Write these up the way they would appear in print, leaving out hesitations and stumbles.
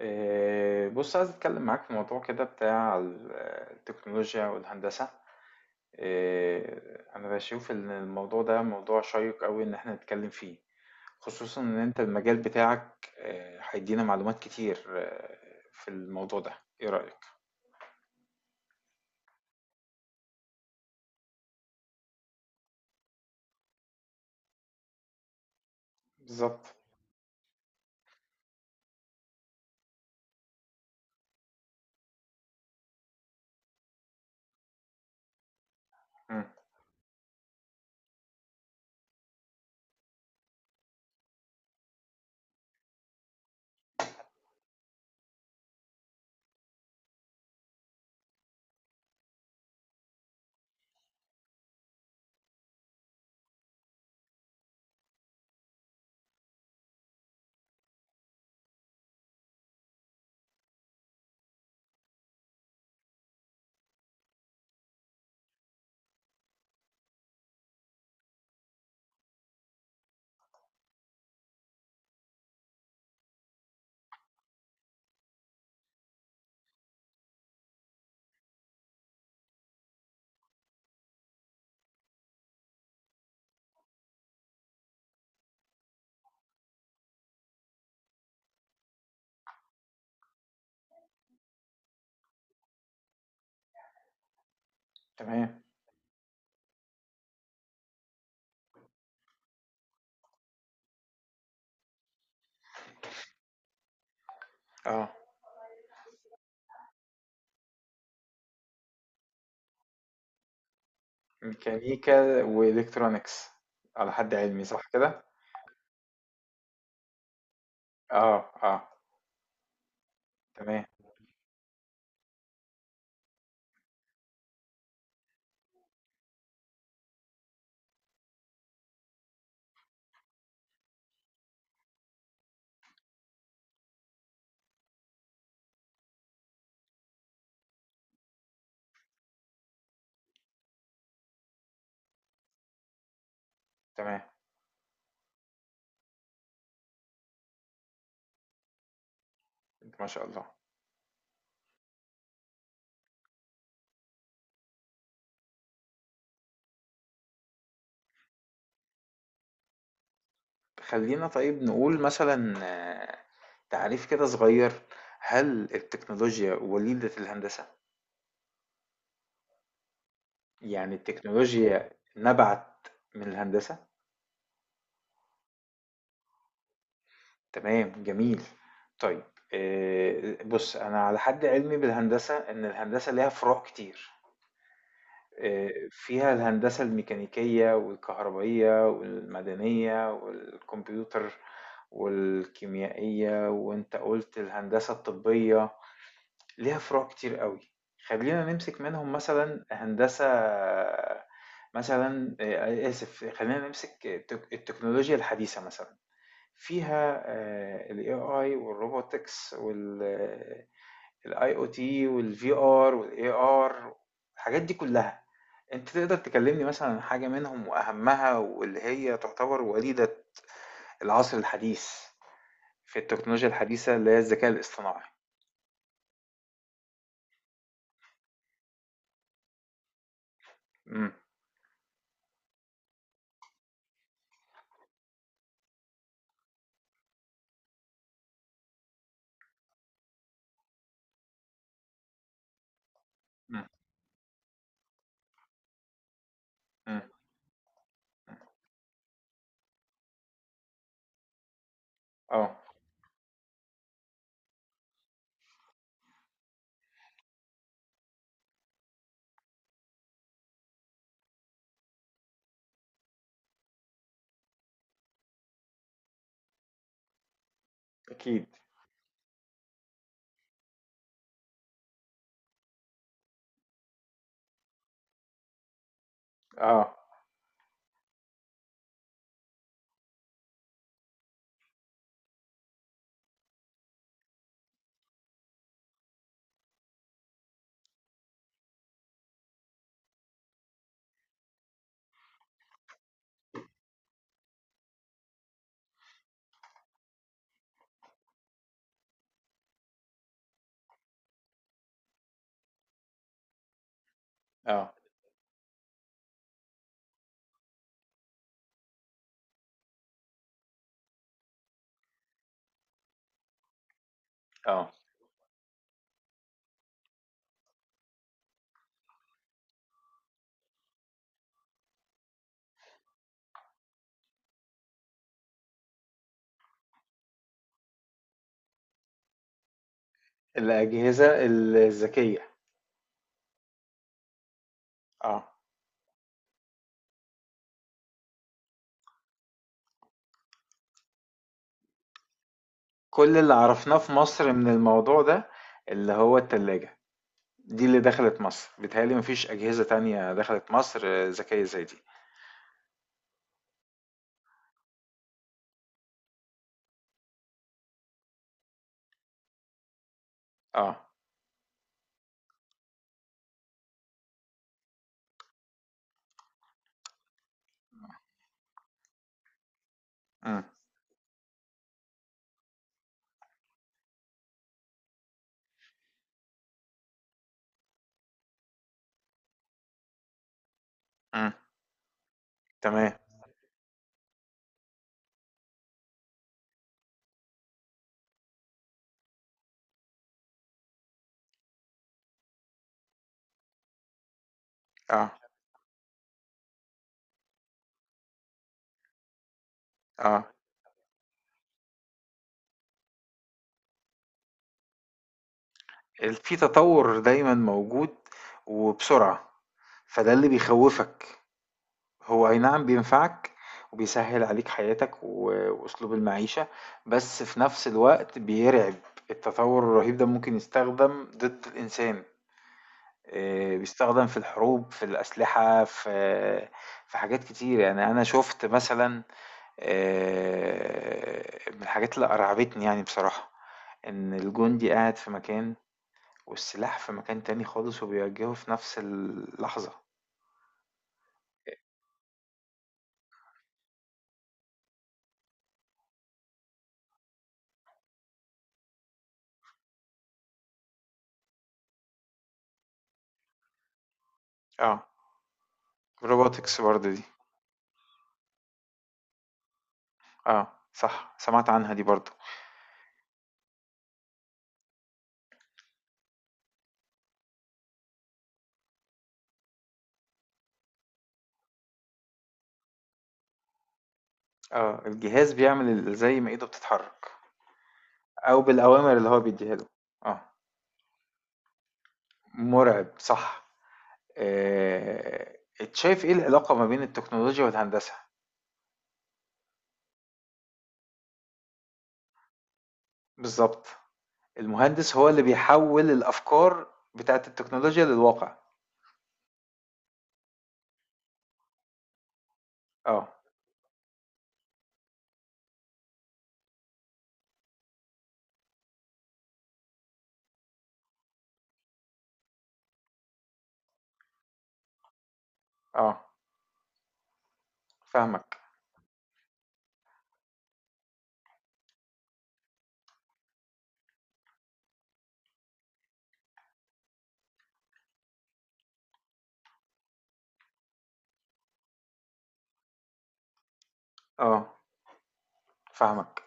إيه، بص عايز اتكلم معاك في موضوع كده بتاع التكنولوجيا والهندسة. إيه، انا بشوف ان الموضوع ده موضوع شيق قوي ان احنا نتكلم فيه. خصوصا ان انت المجال بتاعك إيه، هيدينا معلومات كتير إيه، في الموضوع ده ايه رأيك؟ بالظبط. مم، تمام. اه ميكانيكا والكترونيكس، على حد علمي صح كده. اه، اه. تمام. تمام. ما شاء الله. خلّينا طيب نقول مثلًا تعريف كده صغير، هل التكنولوجيا وليدة الهندسة؟ يعني التكنولوجيا نبعت من الهندسة؟ تمام، جميل. طيب بُص أنا على حد علمي بالهندسة إن الهندسة ليها فروع كتير، فيها الهندسة الميكانيكية والكهربائية والمدنية والكمبيوتر والكيميائية وأنت قُلت الهندسة الطبية. ليها فروع كتير قوي. خلينا نمسك منهم مثلا هندسة، مثلا آسف، خلينا نمسك التكنولوجيا الحديثة مثلا، فيها ال AI والروبوتكس وال IoT وال VR وال AR، الحاجات دي كلها. انت تقدر تكلمني مثلا عن حاجة منهم وأهمها واللي هي تعتبر وليدة العصر الحديث في التكنولوجيا الحديثة اللي هي الذكاء الاصطناعي؟ امم. امم. امم. اه. اكيد. اه. اه. اه. الأجهزة الذكية. اه. كل اللي عرفناه في مصر من الموضوع ده اللي هو التلاجة، دي اللي دخلت مصر، بيتهيألي مفيش أجهزة تانية دخلت مصر ذكية زي دي. اه. امم. امم. تمام. اه. اه. في تطور دايما موجود، وبسرعة، فده اللي بيخوفك. هو أي نعم بينفعك وبيسهّل عليك حياتك وأسلوب المعيشة، بس في نفس الوقت بيرعب، التطوّر الرهيب ده ممكن يستخدم ضد الإنسان، بيستخدم في الحروب، في الأسلحة، في حاجات كتير، يعني أنا شُفت مثلًا من الحاجات اللي أرعبتني يعني بصراحة، إن الجندي قاعد في مكان والسلاح في مكان تاني خالص وبيوجّهه في نفس اللحظة. آه الrobotics برضه دي. آه، صح، سمعت عنها دي برضه. اه، الجهاز بيعمل زي ما ايده بتتحرك، او بالاوامر اللي هو بيديها له. اه. مرعب، صح. آه، شايف ايه العلاقة ما بين التكنولوجيا والهندسة؟ بالظبط. المهندس هو اللي بيحول الافكار بتاعت التكنولوجيا للواقع. اه. اه، فاهمك. اه، فاهمك.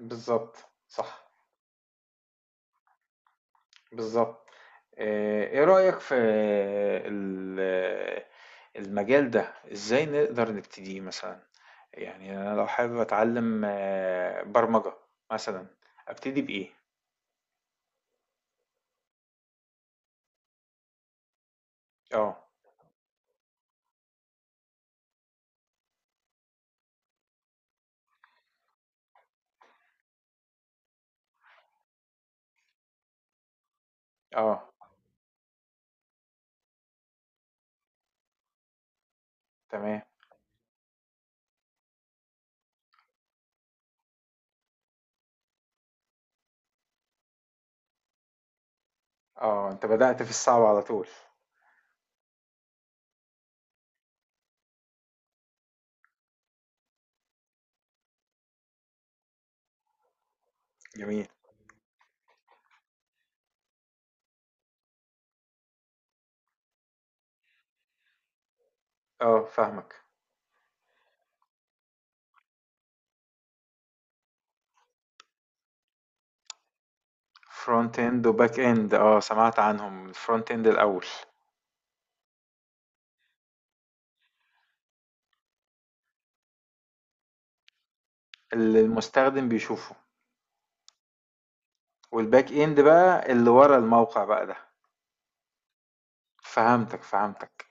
بالظبط. صح. بالظبط. ايه رأيك في ال- المجال ده؟ ازاي نقدر نبتديه مثلا؟ يعني انا لو حابب اتعلم برمجة مثلا، ابتدي بإيه؟ اه. اه. تمام. اه، انت بدأت في الصعب على طول. جميل. اه، فاهمك. فرونت اند وباك اند، اه سمعت عنهم، الفرونت اند الاول. اللي المستخدم بيشوفه. والباك اند بقى اللي ورا الموقع بقى ده. فهمتك، فهمتك.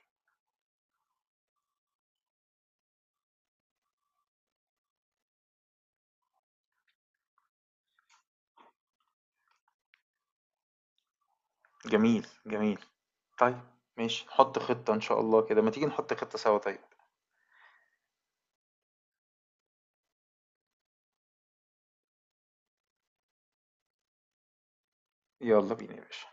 جميل، جميل. طيب، ماشي، نحط خطة إن شاء الله كده، ما تيجي نحط خطة سوا طيب. يلا بينا يا باشا.